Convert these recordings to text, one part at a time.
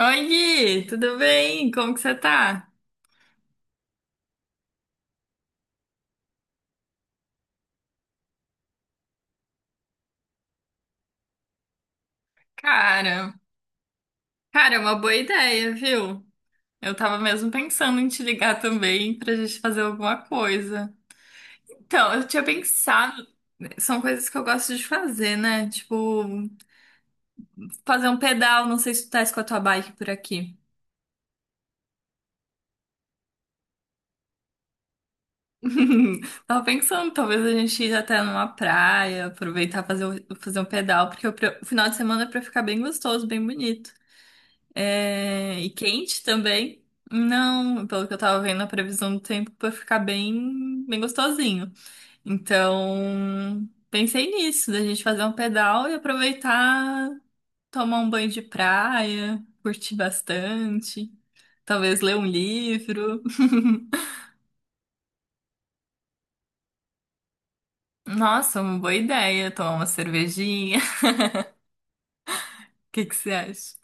Oi, Gui, tudo bem? Como que você tá? Cara, cara, é uma boa ideia, viu? Eu tava mesmo pensando em te ligar também pra gente fazer alguma coisa. Então, eu tinha pensado, são coisas que eu gosto de fazer, né? Tipo, fazer um pedal, não sei se tu tá com a tua bike por aqui. Tava pensando, talvez a gente ir até numa praia, aproveitar fazer, fazer um pedal, porque o final de semana é pra ficar bem gostoso, bem bonito. É, e quente também. Não, pelo que eu tava vendo, a previsão do tempo vai ficar bem gostosinho. Então, pensei nisso, da gente fazer um pedal e aproveitar, tomar um banho de praia, curtir bastante, talvez ler um livro. Nossa, uma boa ideia, tomar uma cervejinha. O que que você acha?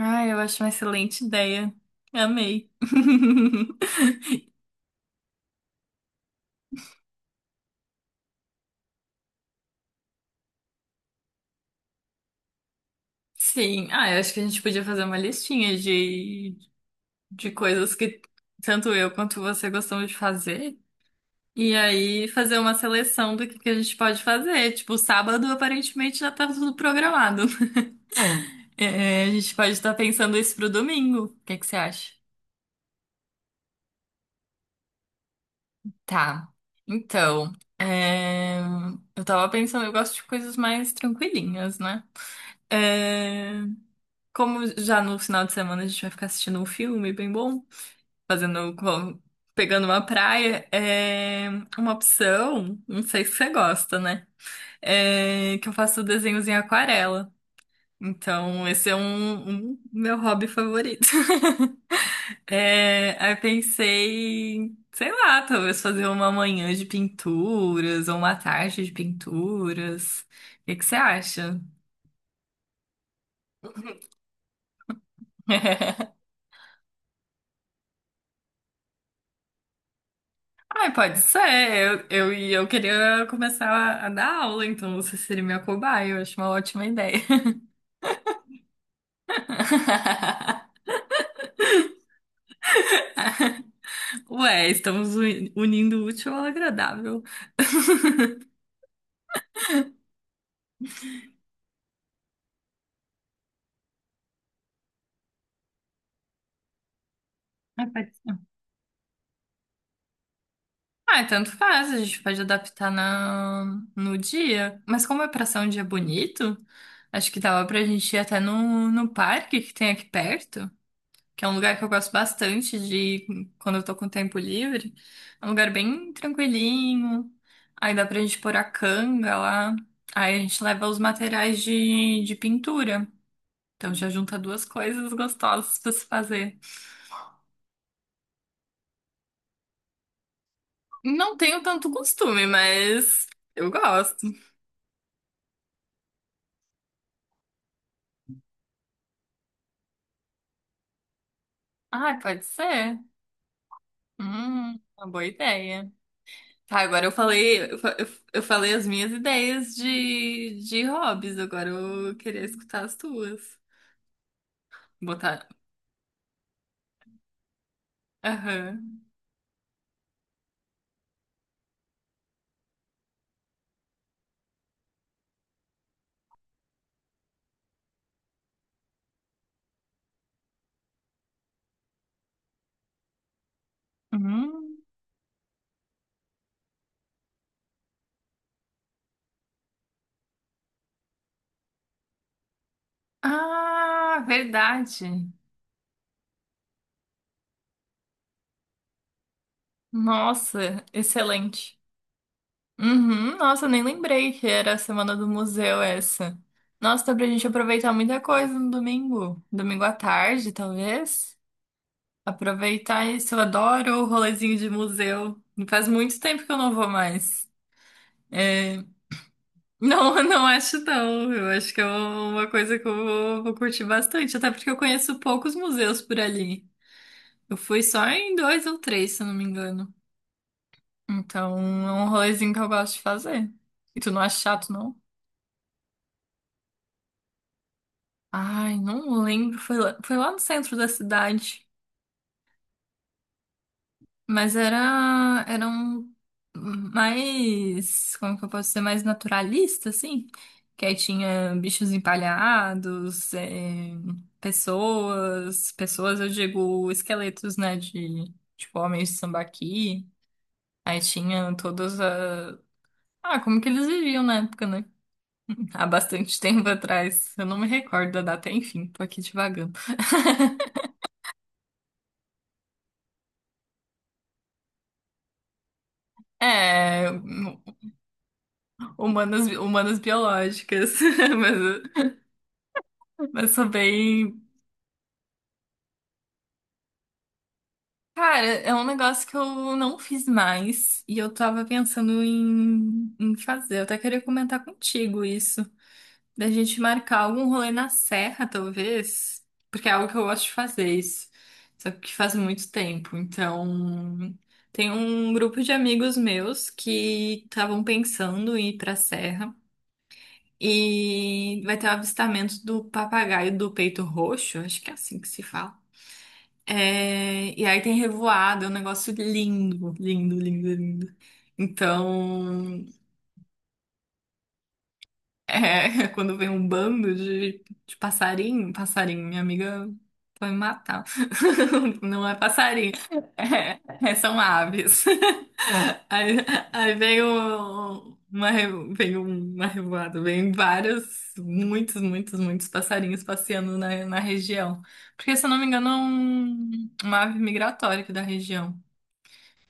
Ah, eu acho uma excelente ideia. Amei. Sim, ah, eu acho que a gente podia fazer uma listinha de coisas que tanto eu quanto você gostamos de fazer. E aí fazer uma seleção que a gente pode fazer. Tipo, sábado aparentemente já tá tudo programado. É, a gente pode estar pensando isso pro domingo. O que que você acha? Tá. Então, é, eu tava pensando, eu gosto de coisas mais tranquilinhas, né? É, como já no final de semana a gente vai ficar assistindo um filme bem bom, fazendo, pegando uma praia, é uma opção, não sei se você gosta, né? É que eu faço desenhos em aquarela. Então, esse é um meu hobby favorito. É, aí eu pensei, sei lá, talvez fazer uma manhã de pinturas ou uma tarde de pinturas. O que que você acha? Ai, pode ser. E eu queria começar a dar aula, então você seria minha cobaia. Eu acho uma ótima ideia. Ué, estamos unindo o útil ao agradável. Ah, pode ser. Ah, tanto faz, a gente pode adaptar na... no dia. Mas como é pra ser um dia bonito, acho que dava pra gente ir até no parque que tem aqui perto, que é um lugar que eu gosto bastante de ir quando eu tô com tempo livre. É um lugar bem tranquilinho. Aí dá pra gente pôr a canga lá. Aí a gente leva os materiais de pintura. Então já junta duas coisas gostosas pra se fazer. Não tenho tanto costume, mas eu gosto. Ah, pode ser. Uma boa ideia. Tá, agora eu falei, eu, fa- eu falei as minhas ideias de hobbies. Agora eu queria escutar as tuas. Botar. Aham. Hum. Ah, verdade. Nossa, excelente. Uhum, nossa, nem lembrei que era a semana do museu essa. Nossa, dá pra gente aproveitar muita coisa no domingo. Domingo à tarde, talvez. Aproveitar isso, eu adoro o rolezinho de museu. Faz muito tempo que eu não vou mais. É, não, não acho não. Eu acho que é uma coisa que vou curtir bastante, até porque eu conheço poucos museus por ali. Eu fui só em dois ou três, se eu não me engano. Então, é um rolezinho que eu gosto de fazer. E tu não acha chato, não? Ai, não lembro. Foi lá no centro da cidade. Mas era um mais, como que eu posso dizer, mais naturalista, assim. Que aí tinha bichos empalhados, pessoas, eu digo, esqueletos, né, de, tipo, homens de sambaqui. Aí tinha todas a... Ah, como que eles viviam na época, né? Há bastante tempo atrás. Eu não me recordo da data, enfim, tô aqui divagando. É, humanas, humanas biológicas. Mas, mas sou bem. Cara, é um negócio que eu não fiz mais e eu tava pensando em fazer. Eu até queria comentar contigo isso. Da gente marcar algum rolê na serra, talvez. Porque é algo que eu gosto de fazer isso. Só que faz muito tempo. Então, tem um grupo de amigos meus que estavam pensando em ir pra serra. E vai ter o avistamento do papagaio do peito roxo, acho que é assim que se fala. É, e aí tem revoada, é um negócio lindo, lindo, lindo, lindo. Então. É, quando vem um bando de passarinho, minha amiga vai me matar. Não é passarinho, é, são aves. Aí, aí vem o- uma, re- vem uma revoada, vem vários, muitos, muitos, muitos passarinhos passeando na região. Porque, se eu não me engano, é uma ave migratória aqui da região.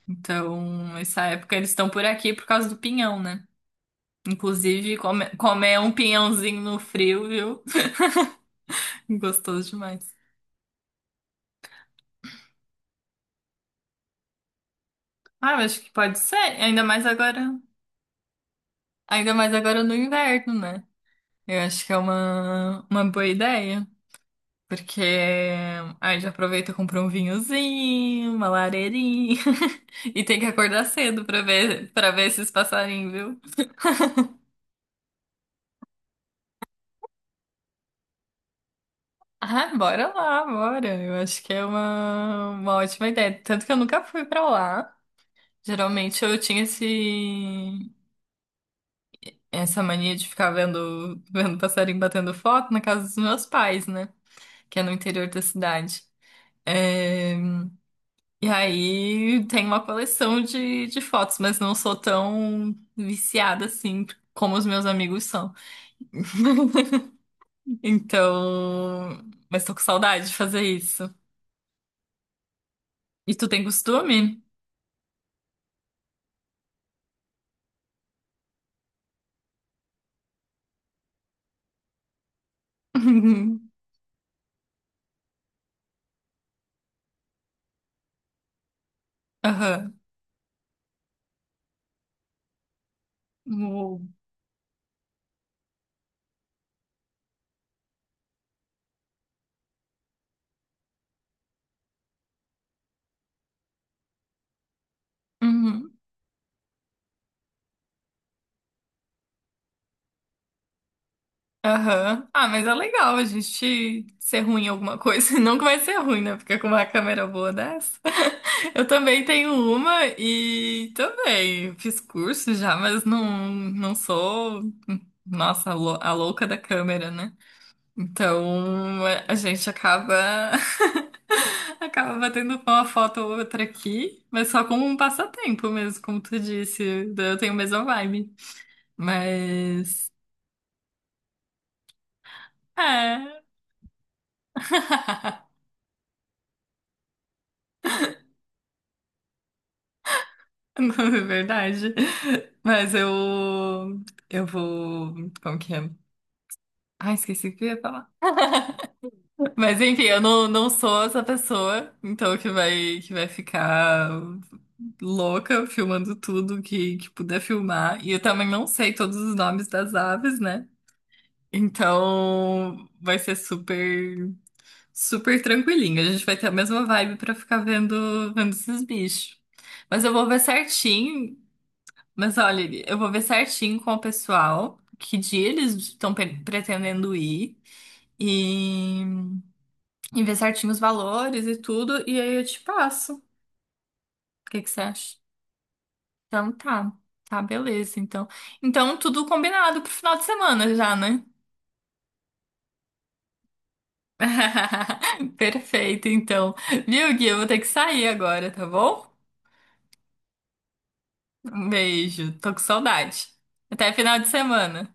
Então, essa época eles estão por aqui por causa do pinhão, né? Inclusive, comer um pinhãozinho no frio, viu? Gostoso demais. Ah, eu acho que pode ser. Ainda mais agora no inverno, né? Eu acho que é uma boa ideia. Porque aí já aproveita e compra um vinhozinho, uma lareirinha. E tem que acordar cedo para ver esses passarinhos, viu? Ah, bora lá, bora. Eu acho que é uma ótima ideia. Tanto que eu nunca fui pra lá. Geralmente eu tinha esse, essa mania de ficar vendo passarinho batendo foto na casa dos meus pais, né? Que é no interior da cidade. É, e aí tem uma coleção de fotos, mas não sou tão viciada assim como os meus amigos são. Então, mas tô com saudade de fazer isso. E tu tem costume? Aham. Uou. Uhum. Aham. Ah, mas é legal a gente ser ruim em alguma coisa. Não que vai ser ruim, né? Porque com uma câmera boa dessa. Eu também tenho uma e também fiz curso já, mas não, não sou, nossa, a a louca da câmera, né? Então é, a gente acaba. Acaba batendo uma foto ou outra aqui, mas só como um passatempo mesmo, como tu disse. Eu tenho a mesma vibe. Mas. É. Não, é verdade. Mas eu. Eu vou. Como que é? Ah, esqueci o que eu ia falar. Mas enfim, eu não, não sou essa pessoa, então que vai ficar louca filmando tudo que puder filmar. E eu também não sei todos os nomes das aves, né? Então vai ser super, super tranquilinho. A gente vai ter a mesma vibe pra ficar vendo esses bichos. Mas eu vou ver certinho. Mas olha, eu vou ver certinho com o pessoal que dia eles estão pretendendo ir e, e ver certinho os valores e tudo, e aí eu te passo. O que que você acha? Então tá, beleza. Então, então tudo combinado pro final de semana já, né? Perfeito, então. Viu, Gui? Eu vou ter que sair agora, tá bom? Um beijo, tô com saudade. Até final de semana.